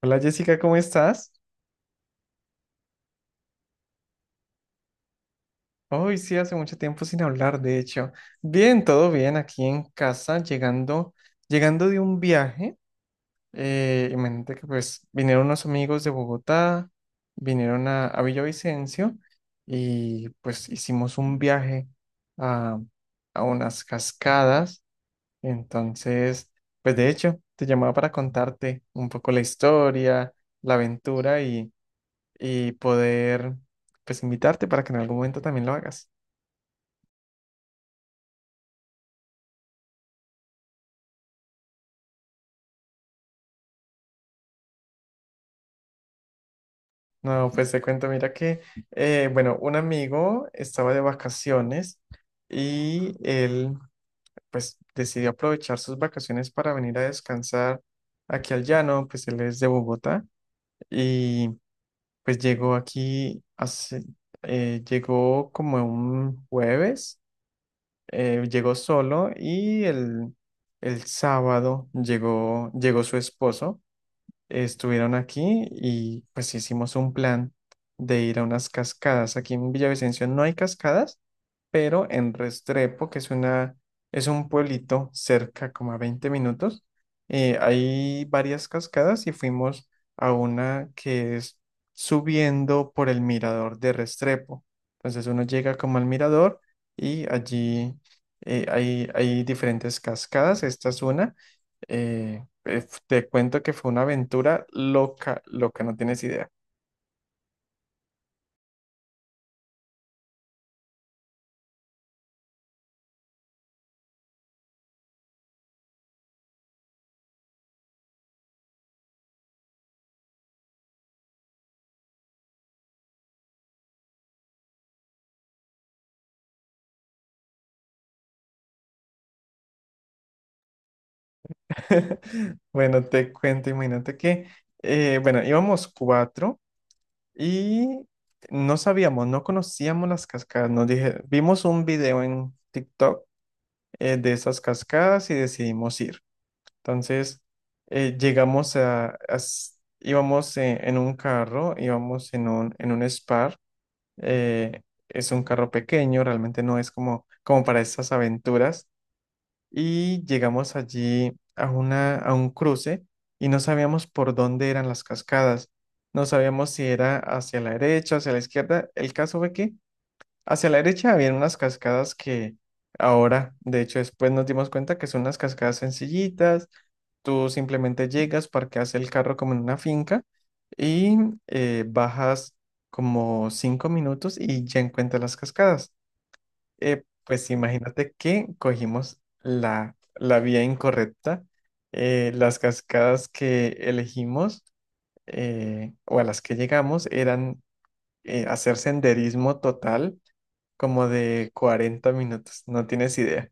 Hola Jessica, ¿cómo estás? Hoy sí, hace mucho tiempo sin hablar, de hecho. Bien, todo bien aquí en casa, llegando, llegando de un viaje. Imagínate que pues vinieron unos amigos de Bogotá, vinieron a Villavicencio y pues hicimos un viaje a, a unas cascadas. Entonces, pues de hecho, te llamaba para contarte un poco la historia, la aventura y poder pues invitarte para que en algún momento también lo hagas. No, pues te cuento, mira que, bueno, un amigo estaba de vacaciones y él pues decidió aprovechar sus vacaciones para venir a descansar aquí al llano, pues él es de Bogotá y pues llegó aquí llegó como un jueves, llegó solo y el sábado llegó, llegó su esposo. Estuvieron aquí y pues hicimos un plan de ir a unas cascadas. Aquí en Villavicencio no hay cascadas, pero en Restrepo, que es un pueblito cerca como a 20 minutos. Hay varias cascadas y fuimos a una que es subiendo por el mirador de Restrepo. Entonces uno llega como al mirador y allí hay diferentes cascadas, esta es una. Te cuento que fue una aventura loca, loca, no tienes idea. Bueno, te cuento, imagínate bueno, íbamos cuatro y no conocíamos las cascadas. Vimos un video en TikTok de esas cascadas y decidimos ir. Entonces, íbamos en un carro, íbamos en un Spar. eh, es un carro pequeño, realmente no es como para esas aventuras y llegamos allí a un cruce y no sabíamos por dónde eran las cascadas. No sabíamos si era hacia la derecha, hacia la izquierda. El caso fue que hacia la derecha había unas cascadas que ahora, de hecho, después nos dimos cuenta que son unas cascadas sencillitas. Tú simplemente llegas, parqueas el carro como en una finca y bajas como 5 minutos y ya encuentras las cascadas. Pues imagínate que cogimos la vía incorrecta. Las cascadas que elegimos o a las que llegamos eran hacer senderismo total como de 40 minutos, no tienes idea.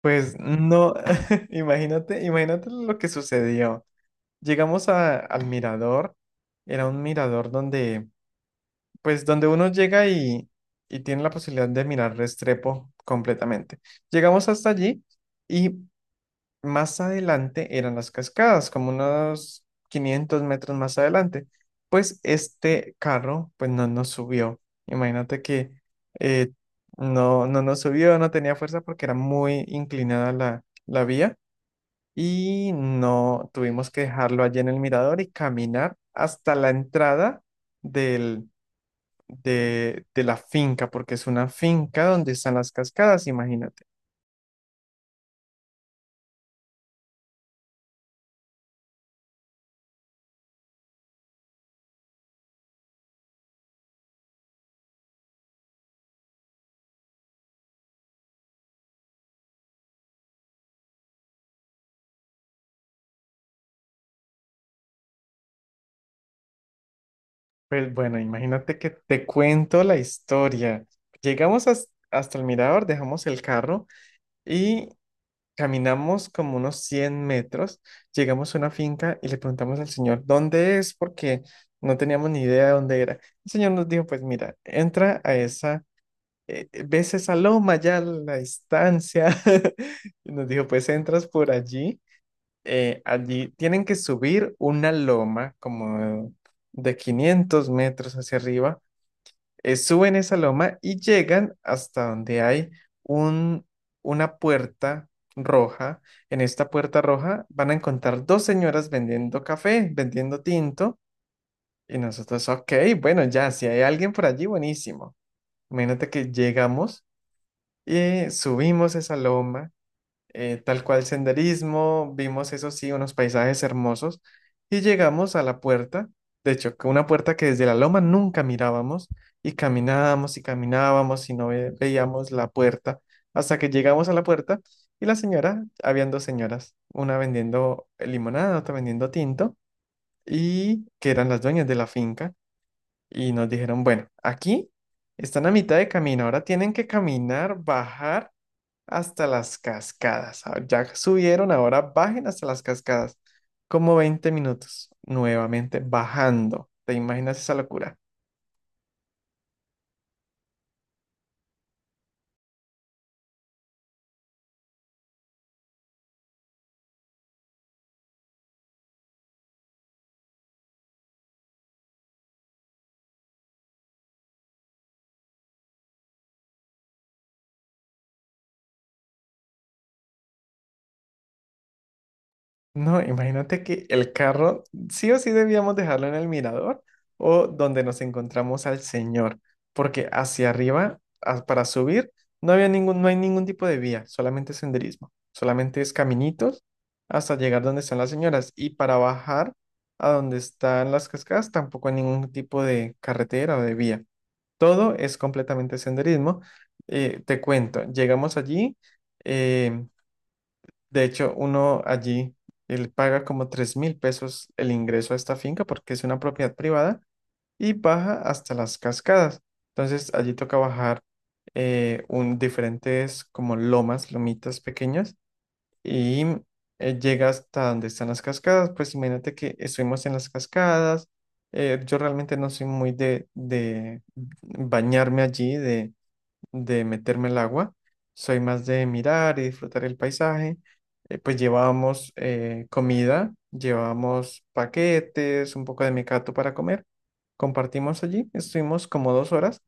Pues no, imagínate, imagínate lo que sucedió. Llegamos al mirador, era un mirador donde uno llega y tiene la posibilidad de mirar Restrepo completamente. Llegamos hasta allí y más adelante eran las cascadas, como unos 500 metros más adelante. Pues este carro, pues no nos subió. Imagínate que eh, no, no nos subió, no tenía fuerza porque era muy inclinada la vía y no tuvimos que dejarlo allí en el mirador y caminar hasta la entrada del de la finca, porque es una finca donde están las cascadas, imagínate. Pues bueno, imagínate que te cuento la historia. Llegamos hasta el mirador, dejamos el carro y caminamos como unos 100 metros. Llegamos a una finca y le preguntamos al señor dónde es, porque no teníamos ni idea de dónde era. El señor nos dijo, pues mira, ves esa loma ya a la distancia. Y nos dijo, pues entras por allí. Allí tienen que subir una loma como de 500 metros hacia arriba. Suben esa loma y llegan hasta donde hay un, una puerta roja. En esta puerta roja van a encontrar dos señoras vendiendo café, vendiendo tinto. Y nosotros, ok, bueno, ya, si hay alguien por allí, buenísimo. Imagínate que llegamos y subimos esa loma. Tal cual senderismo, vimos eso sí, unos paisajes hermosos y llegamos a la puerta, de hecho, que una puerta que desde la loma nunca mirábamos y caminábamos y caminábamos y no veíamos la puerta hasta que llegamos a la puerta y la señora, habían dos señoras, una vendiendo limonada, otra vendiendo tinto y que eran las dueñas de la finca y nos dijeron, bueno, aquí están a mitad de camino, ahora tienen que caminar, bajar hasta las cascadas. Ah, ya subieron, ahora bajen hasta las cascadas. Como 20 minutos, nuevamente bajando. ¿Te imaginas esa locura? No, imagínate que el carro sí o sí debíamos dejarlo en el mirador o donde nos encontramos al señor, porque hacia arriba, para subir, no hay ningún tipo de vía, solamente senderismo, solamente es caminitos hasta llegar donde están las señoras, y para bajar a donde están las cascadas tampoco hay ningún tipo de carretera o de vía. Todo es completamente senderismo. Te cuento, llegamos allí. eh, de hecho, él paga como 3.000 pesos el ingreso a esta finca porque es una propiedad privada y baja hasta las cascadas. Entonces, allí toca bajar. Diferentes como lomas, lomitas pequeñas y llega hasta donde están las cascadas. Pues imagínate que estuvimos en las cascadas. Yo realmente no soy muy de bañarme allí, de meterme al agua, soy más de mirar y disfrutar el paisaje. Pues llevábamos comida, llevábamos paquetes, un poco de mecato para comer. Compartimos allí, estuvimos como 2 horas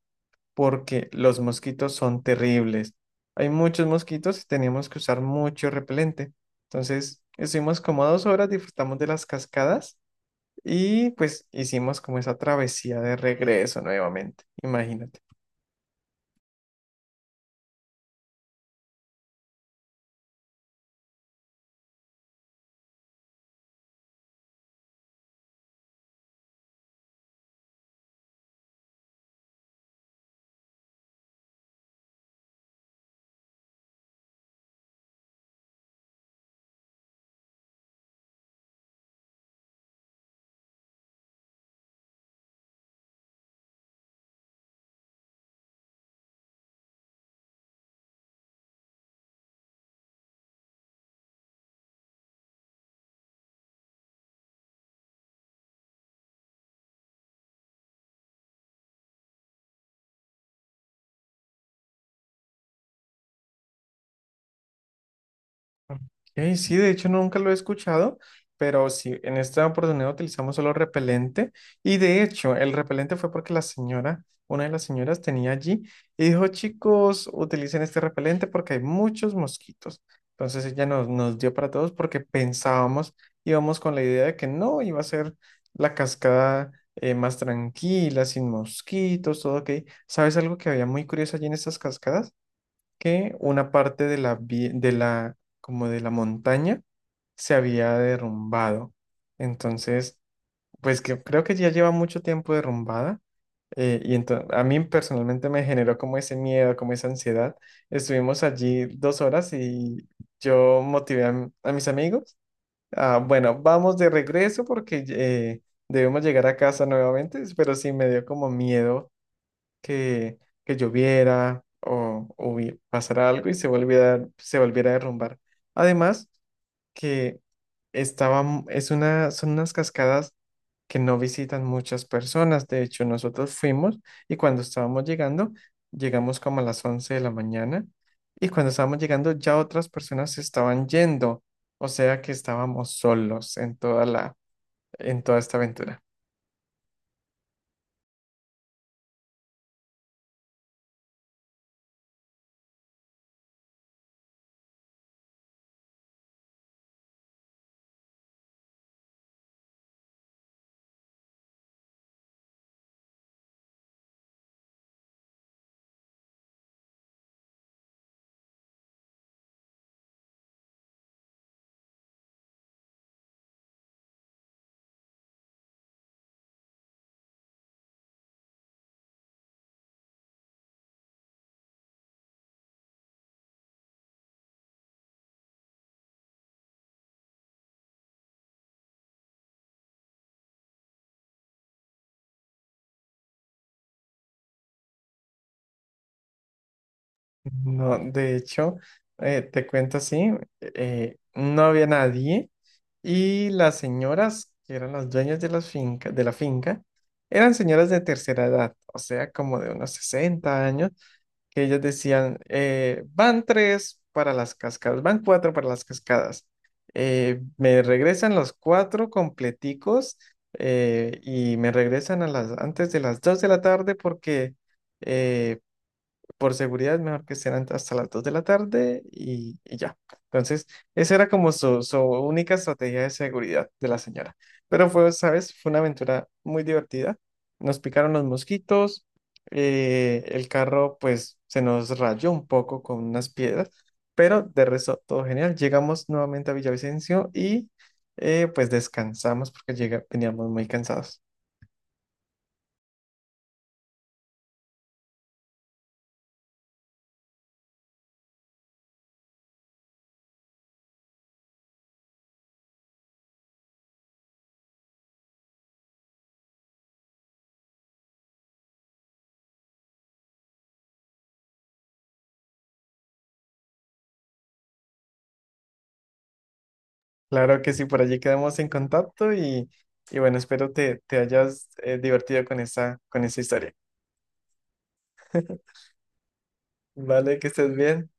porque los mosquitos son terribles. Hay muchos mosquitos y teníamos que usar mucho repelente. Entonces, estuvimos como 2 horas, disfrutamos de las cascadas y pues hicimos como esa travesía de regreso nuevamente. Imagínate. Sí, de hecho nunca lo he escuchado, pero sí, en esta oportunidad utilizamos solo repelente, y de hecho el repelente fue porque la señora, una de las señoras, tenía allí y dijo, chicos, utilicen este repelente porque hay muchos mosquitos. Entonces ella nos dio para todos, porque pensábamos, íbamos con la idea de que no, iba a ser la cascada más tranquila, sin mosquitos, todo ok. ¿Sabes algo que había muy curioso allí en estas cascadas? Que una parte de la, vie- de la, como de la montaña se había derrumbado. Entonces, pues que creo que ya lleva mucho tiempo derrumbada. Y entonces a mí personalmente me generó como ese miedo, como esa ansiedad. Estuvimos allí 2 horas y yo motivé a mis amigos. Ah, bueno, vamos de regreso porque debemos llegar a casa nuevamente, pero sí me dio como miedo que, que lloviera o pasara algo y se volviera a derrumbar. Además, que estaba, m- es una, son unas cascadas que no visitan muchas personas. De hecho, nosotros fuimos y cuando estábamos llegando, llegamos como a las 11 de la mañana, y cuando estábamos llegando ya otras personas se estaban yendo. O sea que estábamos solos en toda esta aventura. No, de hecho, te cuento así, no había nadie, y las señoras que eran las dueñas de la finca eran señoras de tercera edad, o sea, como de unos 60 años, que ellas decían, van tres para las cascadas, van cuatro para las cascadas, me regresan los cuatro completicos y me regresan antes de las 2 de la tarde porque... eh, por seguridad es mejor que estén hasta las 2 de la tarde, y ya. Entonces, esa era como su única estrategia de seguridad de la señora. Pero fue, ¿sabes? Fue una aventura muy divertida. Nos picaron los mosquitos, el carro pues se nos rayó un poco con unas piedras, pero de resto todo genial. Llegamos nuevamente a Villavicencio y pues descansamos porque veníamos muy cansados. Claro que sí, por allí quedamos en contacto y bueno, espero te hayas divertido con esa historia. Vale, que estés bien.